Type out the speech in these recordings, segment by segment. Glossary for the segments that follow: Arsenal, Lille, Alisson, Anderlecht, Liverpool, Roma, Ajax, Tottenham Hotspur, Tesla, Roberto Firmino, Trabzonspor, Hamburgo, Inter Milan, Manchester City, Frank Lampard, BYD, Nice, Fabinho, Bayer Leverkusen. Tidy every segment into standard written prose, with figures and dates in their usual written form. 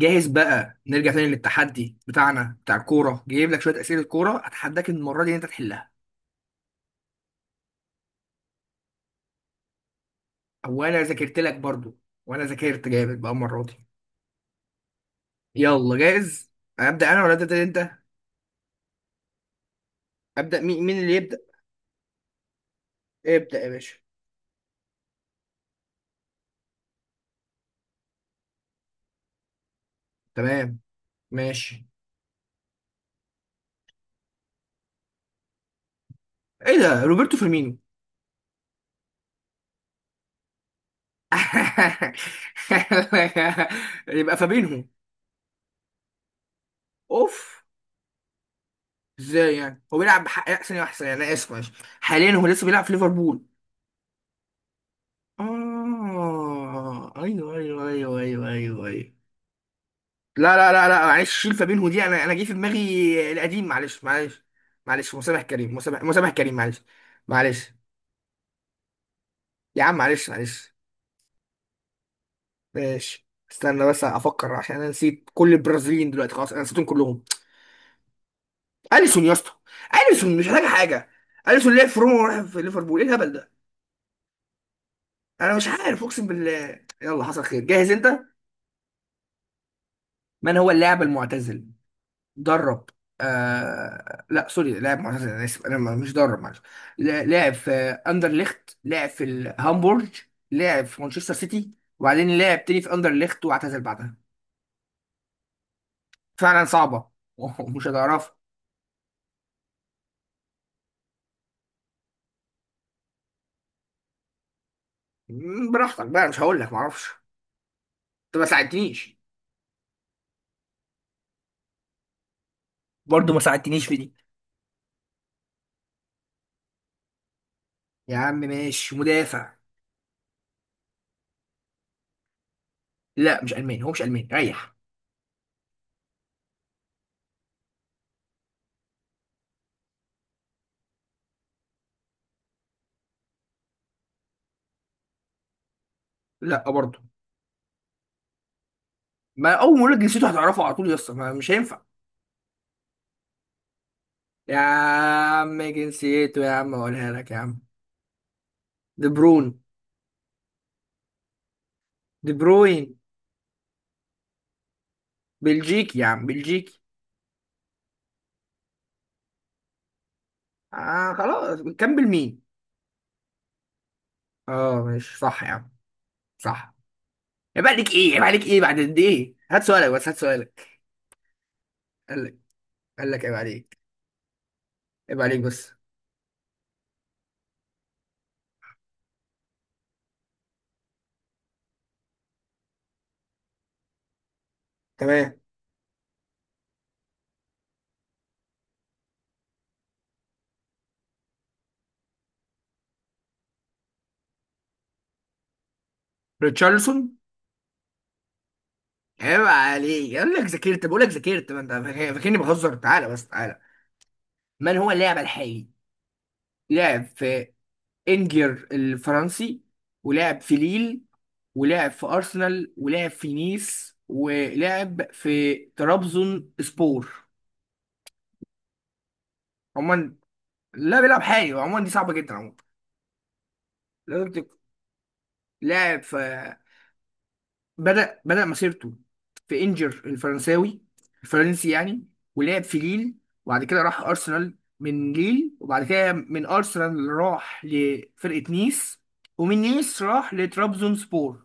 جاهز بقى نرجع تاني للتحدي بتاعنا بتاع الكورة؟ جايب لك شوية أسئلة كورة، أتحداك إن المرة دي إن أنت تحلها. أو أنا ذاكرت لك برضو، وأنا ذاكرت جامد بقى المرة دي. يلا جاهز؟ أبدأ أنا ولا تبدأ أنت؟ أبدأ، مين اللي يبدأ؟ ابدأ يا باشا. تمام. ماشي. إيه ده، روبرتو فيرمينو؟ يبقى فابينهو؟ أوف. إزاي يعني هو بيلعب بحق أحسن وأحسن، يعني أنا آسف معلش. حاليا هو لسه بيلعب في ليفربول. اه، ايوه ايوه ايوه ايوه ايوه ايوه. لا لا لا لا معلش، شيل فابينهو دي، انا جه في دماغي القديم، معلش معلش. معلش، مسامح كريم، مسامح، مسامح كريم، معلش معلش. يا عم معلش معلش. ماشي، استنى بس افكر، عشان انا نسيت كل البرازيليين دلوقتي خلاص، انا نسيتهم كلهم. اليسون يا اسطى. اليسون مش محتاج حاجه. اليسون لعب في روما وراح في ليفربول، ايه الهبل ده؟ انا مش عارف اقسم بالله، يلا حصل خير، جاهز انت؟ من هو اللاعب المعتزل؟ درب. آه لا سوري، لاعب معتزل، انا اسف، انا مش درب، معلش. لاعب في اندرليخت، لاعب في الهامبورج، لاعب في مانشستر سيتي، وبعدين لاعب تاني في اندرليخت واعتزل بعدها. فعلا صعبه. ومش هتعرفها. براحتك بقى، مش هقول لك، معرفش. انت ما ساعدتنيش. برضه ما ساعدتنيش في دي. يا عم ماشي، مدافع. لا مش الماني، هو مش الماني، ريح. لا برضه. ما اول ما اقول لك جنسيته هتعرفه على طول يا اسطى، مش هينفع. يا عم جنسيته، يا عم اقولها لك يا عم. دي برون دي بروين. بلجيكي يا عم، بلجيكي. آه خلاص، نكمل؟ مين؟ اه ماشي، صح يا عم، صح. عيب عليك ايه؟ عيب عليك ايه؟ بعد قد ايه؟ هات سؤالك بس، هات سؤالك. قال لك، قال لك عيب عليك. عيب عليك بس. تمام. ريتشارلسون. عيب عليك، قال لك ذاكرت، بقول لك ذاكرت، ما انت فاكرني بهزر، تعالى بس تعالى. من هو اللاعب الحالي؟ لعب في انجر الفرنسي، ولعب في ليل، ولعب في أرسنال، ولعب في نيس، ولعب في ترابزون سبور. عموما. لا بيلعب حالي، عموما دي صعبة جدا عموما. لازم لاعب في، بدأ مسيرته في إنجر الفرنساوي، الفرنسي يعني، ولعب في ليل، وبعد كده راح أرسنال من ليل، وبعد كده من أرسنال راح لفرقة نيس، ومن نيس راح لترابزون سبور.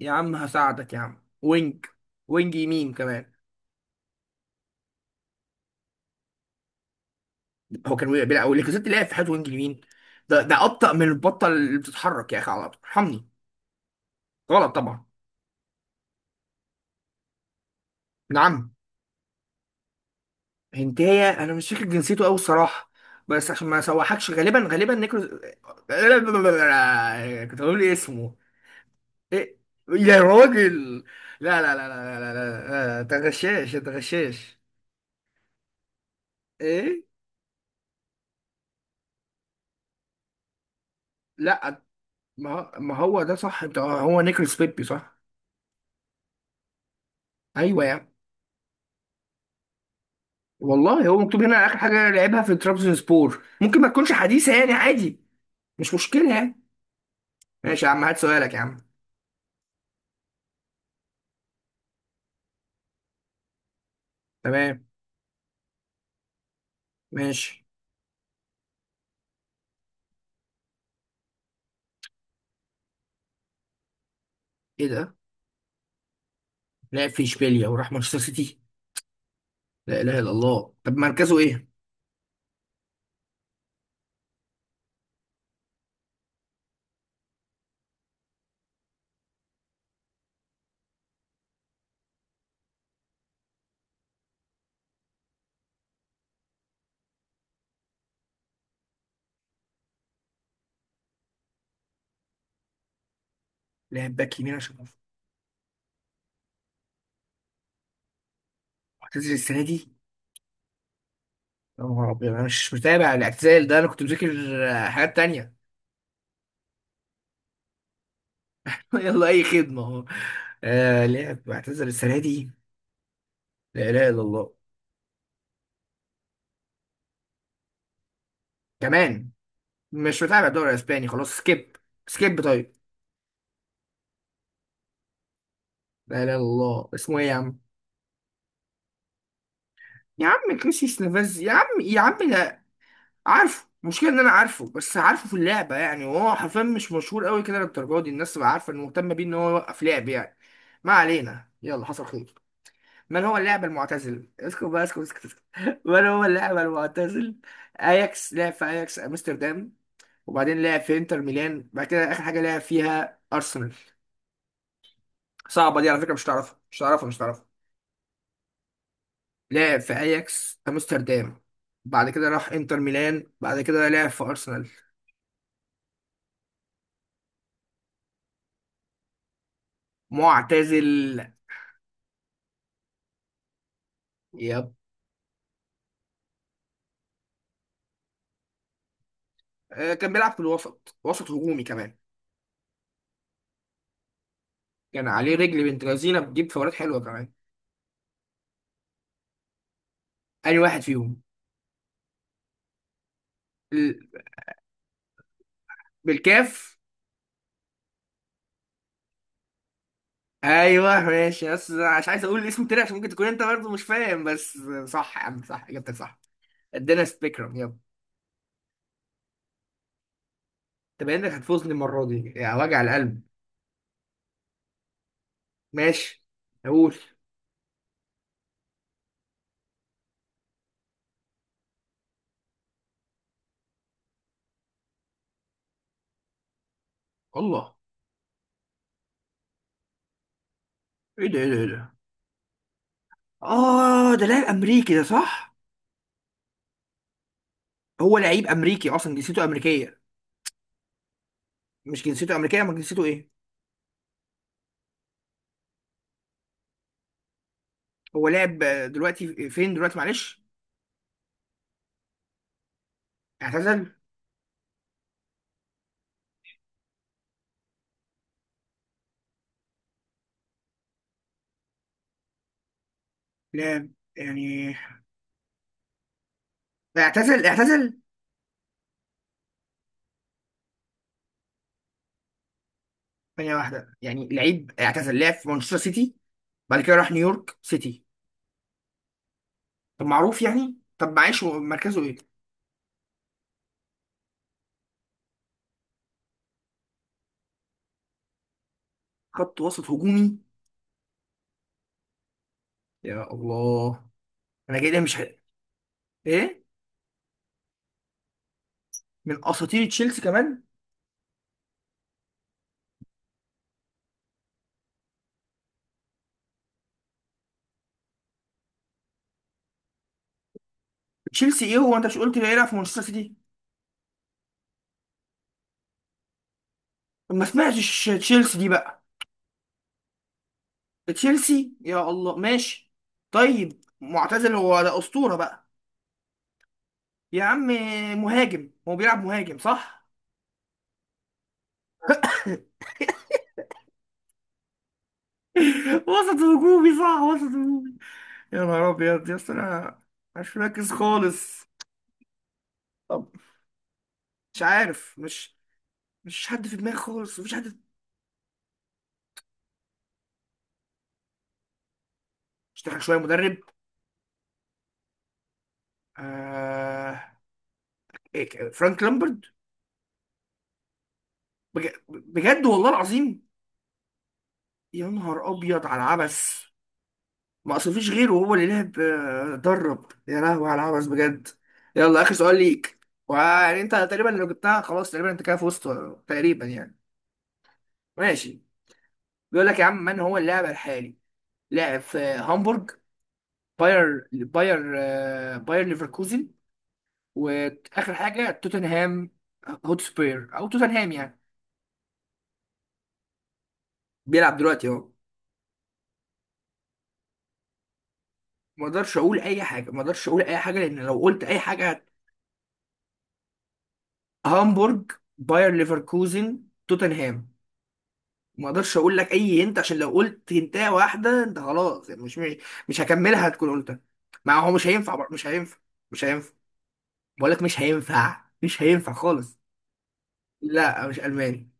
يا عم هساعدك يا عم، وينج يمين كمان. هو كان وقع بيلعب، وليكوزيت لعب في حياته وينج يمين؟ ده ابطأ من البطه اللي بتتحرك، يا اخي على الارض، ارحمني. غلط طبعا. نعم. هنتايه، انا مش فاكر جنسيته قوي الصراحه، بس عشان ما اسوحكش، غالبا نيكروز. كنت هقول لي اسمه. إيه؟ يا راجل، لا لا لا لا لا لا لا، انت غشاش، انت غشاش. ايه؟ لا، ما هو ده صح، انت، هو نيكروس بيبي صح. ايوه يا عم. والله هو مكتوب هنا، اخر حاجه لعبها في ترابزون سبور، ممكن ما تكونش حديثه يعني، عادي، مش مشكله يعني. ماشي يا عم، هات سؤالك يا عم. تمام. ماشي. ايه ده؟ لعب في اشبيليا وراح مانشستر سيتي؟ لا اله الا الله، طب مركزه ايه؟ لاعب باك يمين عشان، اعتزل السنه دي. يا نهار ابيض، انا مش متابع الاعتزال ده، انا كنت مذاكر حاجات تانية. يلا اي خدمه اهو. آه لعب اعتزل السنه دي؟ لا اله الا الله. كمان مش متابع الدوري الاسباني، خلاص سكيب. سكيب طيب. لا اله الا الله، اسمه ايه يا عم؟ يا عم كريسي نافاز يا عم، يا عم ده. عارفه المشكله ان انا عارفه، بس عارفه في اللعبه يعني، وهو حرفيا مش مشهور قوي كده للدرجه دي الناس تبقى عارفه انه مهتم بيه ان هو يوقف لعب يعني. ما علينا، يلا حصل خير. من هو اللاعب المعتزل؟ اسكت بقى، اسكت اسكت اسكت. من هو اللاعب المعتزل؟ اياكس، لعب في اياكس امستردام، وبعدين لعب في انتر ميلان، بعد كده اخر حاجه لعب فيها ارسنال. صعبه دي على فكره، مش تعرفها، مش تعرفها، مش تعرفها. لعب في اياكس امستردام، بعد كده راح انتر ميلان، بعد كده لعب في ارسنال. معتزل. يب. كان بيلعب في الوسط، وسط هجومي كمان. كان عليه رجل بنت لذينه، بتجيب فاولات حلوه كمان. انهي واحد فيهم؟ ال- بالكاف. ايوه ماشي، بس أنا مش عايز اقول الاسم تاني عشان ممكن تكون انت برضه مش فاهم، بس صح يا عم، صح، اجابتك صح. ادينا سبيكرم يب. انت باين انك هتفوزني المره دي، يا وجع القلب. ماشي. اقول. الله. ايه ده؟ ايه ده؟ ايه ده؟ اه ده لاعب امريكي ده صح. هو لعيب امريكي اصلا، جنسيته امريكيه؟ مش جنسيته امريكيه، امال جنسيته ايه؟ هو لاعب، دلوقتي فين؟ دلوقتي معلش. اعتزل؟ لاعب يعني. اعتزل اعتزل. ثانيه واحده، يعني لعيب اعتزل لعب في مانشستر سيتي بعد كده راح نيويورك سيتي. طب معروف يعني، طب معلش، هو مركزه ايه؟ خط وسط هجومي. يا الله. انا جاي ده مش حق. ايه؟ من اساطير تشيلسي كمان؟ تشيلسي؟ ايه هو، انت مش قلت بيلعب في مانشستر سيتي؟ طب ما سمعتش تشيلسي دي بقى. تشيلسي يا الله، ماشي. طيب معتزل، هو ده اسطوره بقى؟ يا عم، مهاجم، هو بيلعب مهاجم صح؟ وسط هجومي صح، وسط هجومي. يا نهار ابيض يا اسطى، انا مش مركز خالص. طب مش عارف، مش حد في دماغي خالص، مفيش حد. اشتغل شويه مدرب؟ آه... إيه، فرانك لامبرد؟ بجد والله العظيم. يا نهار ابيض على العبث، ما اصل مفيش غيره هو اللي لعب، درب. يا لهوي على العبث بجد. يلا اخر سؤال ليك، ويعني انت تقريبا لو جبتها خلاص تقريبا انت كده فزت، تقريبا يعني. ماشي. بيقول لك يا عم، من هو اللاعب الحالي؟ لاعب في هامبورغ، باير ليفركوزن، واخر حاجه توتنهام، هوتسبير او توتنهام يعني. بيلعب دلوقتي اهو. ما اقدرش اقول اي حاجه، ما اقدرش اقول اي حاجه، لان لو قلت اي حاجه. هامبورغ، باير ليفركوزن، توتنهام. ما اقدرش اقول لك اي هنت، عشان لو قلت هنتايه واحده انت خلاص يعني، مش مش هكملها، هتكون قلتها. ما هو مش هينفع، مش هينفع. مش هينفع، بقول لك مش هينفع، مش هينفع خالص. لا مش الماني.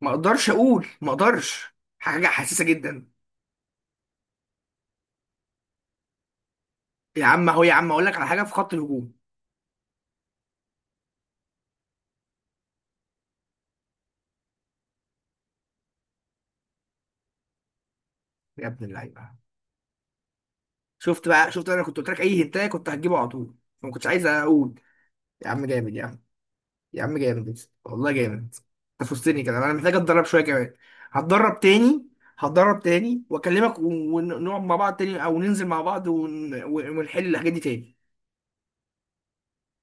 ما اقدرش اقول، ما اقدرش، حاجه حساسه جدا. يا عم اهو، يا عم اقول لك على حاجه في خط الهجوم. يا ابن اللعيبه. شفت بقى، شفت، انا كنت قلت لك اي هنتايه كنت هتجيبه على طول، ما كنتش عايز اقول. يا عم جامد يا عم. يا عم جامد. والله جامد. انت فزتني كده، انا محتاج اتدرب شويه كمان. هتدرب تاني. هتدرب تاني، واكلمك ونقعد مع بعض تاني، او ننزل مع بعض ونحل الحاجات دي تاني.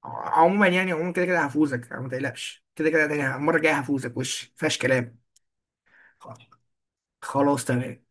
عموما يعني، عموما كده كده هفوزك، ما تقلقش كده كده تاني المره الجايه هفوزك، وش مفيهاش كلام. خلاص تمام.